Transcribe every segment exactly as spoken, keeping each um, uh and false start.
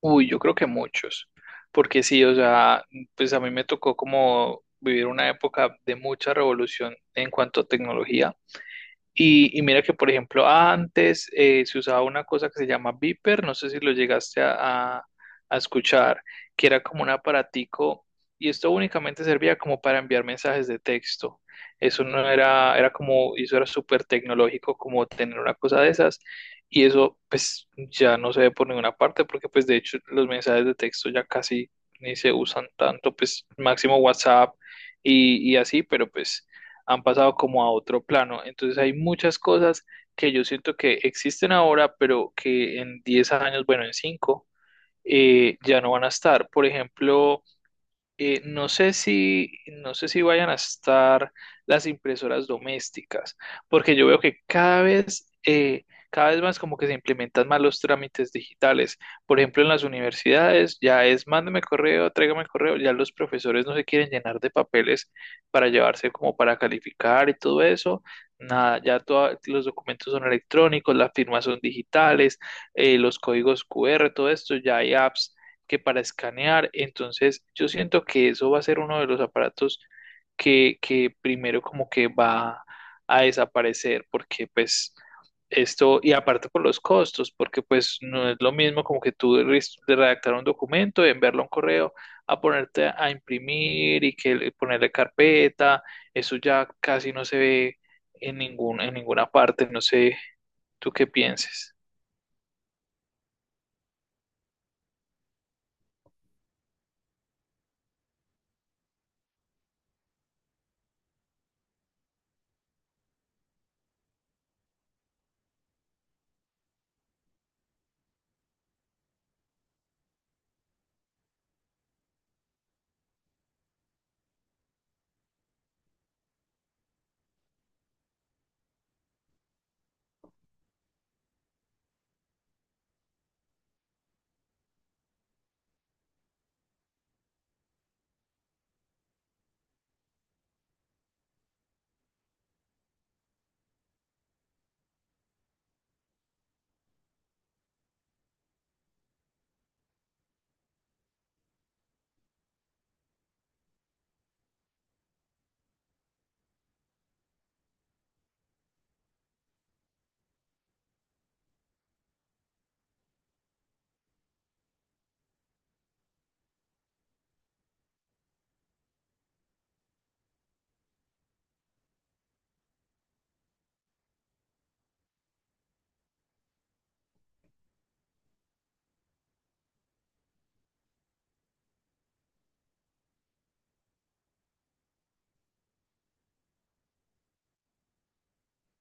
Uy, yo creo que muchos, porque sí, o sea, pues a mí me tocó como vivir una época de mucha revolución en cuanto a tecnología. Y, y mira que, por ejemplo, antes eh, se usaba una cosa que se llama Viper, no sé si lo llegaste a, a- a escuchar, que era como un aparatico y esto únicamente servía como para enviar mensajes de texto. Eso no era, era como, y eso era súper tecnológico como tener una cosa de esas y eso pues ya no se ve por ninguna parte porque pues de hecho los mensajes de texto ya casi ni se usan tanto, pues máximo WhatsApp y, y así, pero pues han pasado como a otro plano. Entonces hay muchas cosas que yo siento que existen ahora, pero que en diez años, bueno, en cinco, ya no van a estar. Por ejemplo, eh, no sé si, no sé si vayan a estar las impresoras domésticas, porque yo veo que cada vez, eh, cada vez más como que se implementan más los trámites digitales. Por ejemplo, en las universidades ya es mándame correo, tráigame correo, ya los profesores no se quieren llenar de papeles para llevarse como para calificar y todo eso. Nada, ya toda- los documentos son electrónicos, las firmas son digitales, eh, los códigos cu erre, todo esto, ya hay apps que para escanear. Entonces, yo siento que eso va a ser uno de los aparatos que, que primero como que va a desaparecer, porque pues esto, y aparte por los costos, porque pues no es lo mismo como que tú res- de redactar un documento, enviarlo a un correo, a ponerte a imprimir y que le- ponerle carpeta, eso ya casi no se ve en ningún, en ninguna parte, no sé, tú qué pienses.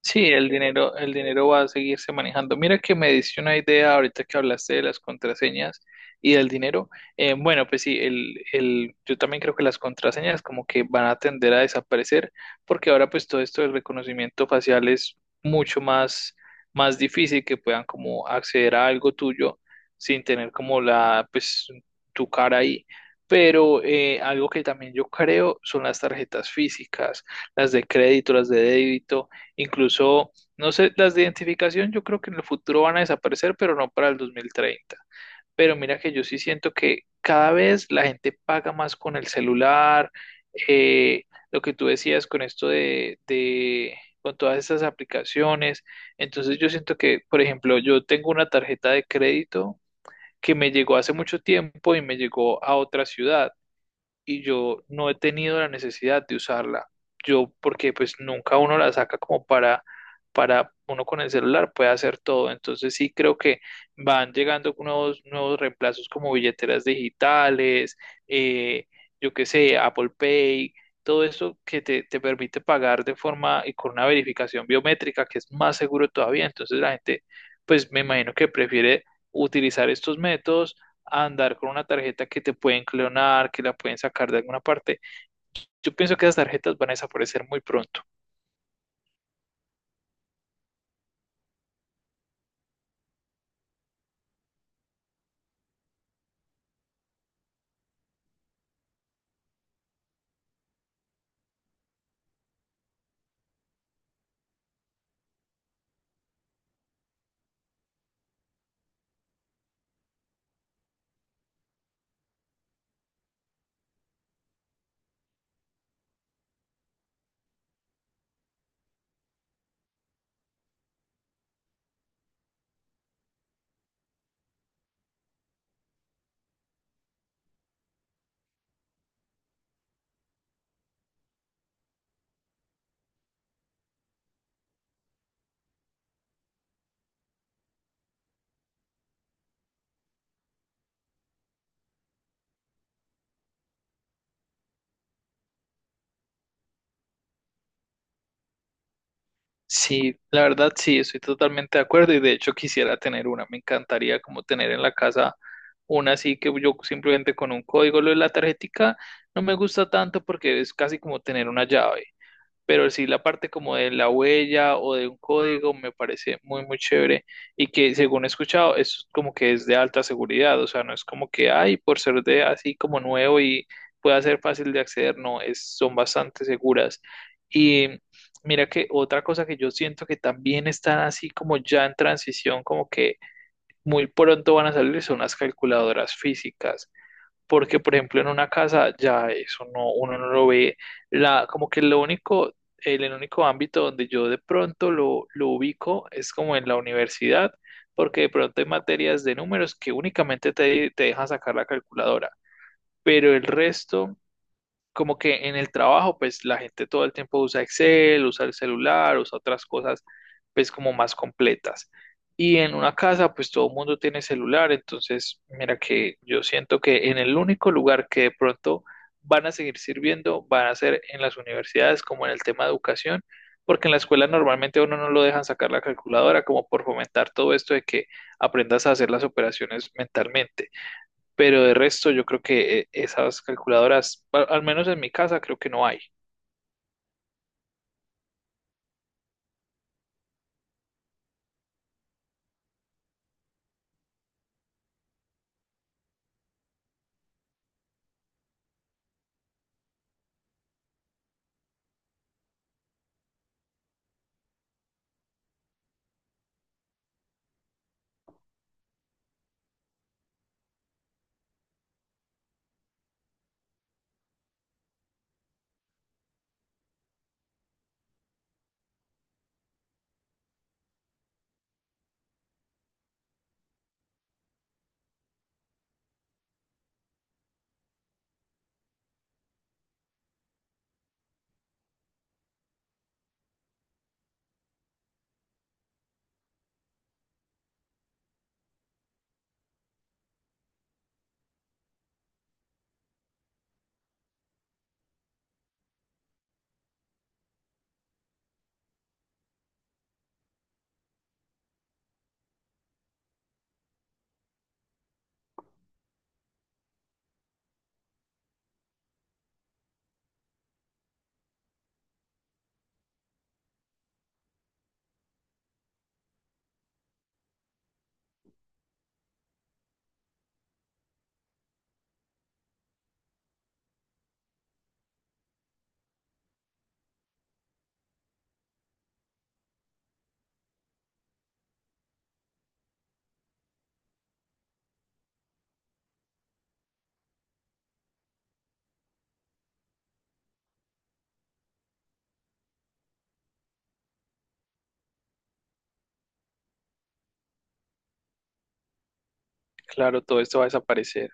Sí, el dinero, el dinero va a seguirse manejando. Mira que me diste una idea ahorita que hablaste de las contraseñas y del dinero. Eh, bueno, pues sí, el, el, yo también creo que las contraseñas como que van a tender a desaparecer porque ahora pues todo esto del reconocimiento facial es mucho más, más difícil que puedan como acceder a algo tuyo sin tener como la, pues tu cara ahí. Pero eh, algo que también yo creo son las tarjetas físicas, las de crédito, las de débito. Incluso, no sé, las de identificación yo creo que en el futuro van a desaparecer, pero no para el dos mil treinta. Pero mira que yo sí siento que cada vez la gente paga más con el celular, eh, lo que tú decías con esto de, de, con todas estas aplicaciones. Entonces yo siento que, por ejemplo, yo tengo una tarjeta de crédito que me llegó hace mucho tiempo y me llegó a otra ciudad y yo no he tenido la necesidad de usarla. Yo, porque pues nunca uno la saca como para, para uno con el celular puede hacer todo. Entonces sí creo que van llegando nuevos, nuevos reemplazos como billeteras digitales, eh, yo qué sé, Apple Pay, todo eso que te, te permite pagar de forma y con una verificación biométrica que es más seguro todavía. Entonces la gente, pues me imagino que prefiere utilizar estos métodos a andar con una tarjeta que te pueden clonar, que la pueden sacar de alguna parte. Yo pienso que esas tarjetas van a desaparecer muy pronto. Sí, la verdad sí, estoy totalmente de acuerdo y de hecho quisiera tener una. Me encantaría como tener en la casa una así que yo simplemente con un código lo de la tarjetica no me gusta tanto porque es casi como tener una llave. Pero sí la parte como de la huella o de un código me parece muy, muy chévere y que según he escuchado es como que es de alta seguridad, o sea, no es como que, ay, por ser de así como nuevo y pueda ser fácil de acceder, no, es, son bastante seguras. Y mira que otra cosa que yo siento que también están así como ya en transición, como que muy pronto van a salir son las calculadoras físicas porque por ejemplo en una casa ya eso no, uno no lo ve, la, como que lo único, el, el único ámbito donde yo de pronto lo, lo ubico es como en la universidad, porque de pronto hay materias de números que únicamente te, te dejan sacar la calculadora, pero el resto como que en el trabajo, pues la gente todo el tiempo usa Excel, usa el celular, usa otras cosas, pues como más completas. Y en una casa, pues todo el mundo tiene celular, entonces mira que yo siento que en el único lugar que de pronto van a seguir sirviendo, van a ser en las universidades, como en el tema de educación, porque en la escuela normalmente a uno no lo dejan sacar la calculadora, como por fomentar todo esto de que aprendas a hacer las operaciones mentalmente pero de resto yo creo que eh, esas calculadoras, al al menos en mi casa, creo que no hay. Claro, todo esto va a desaparecer.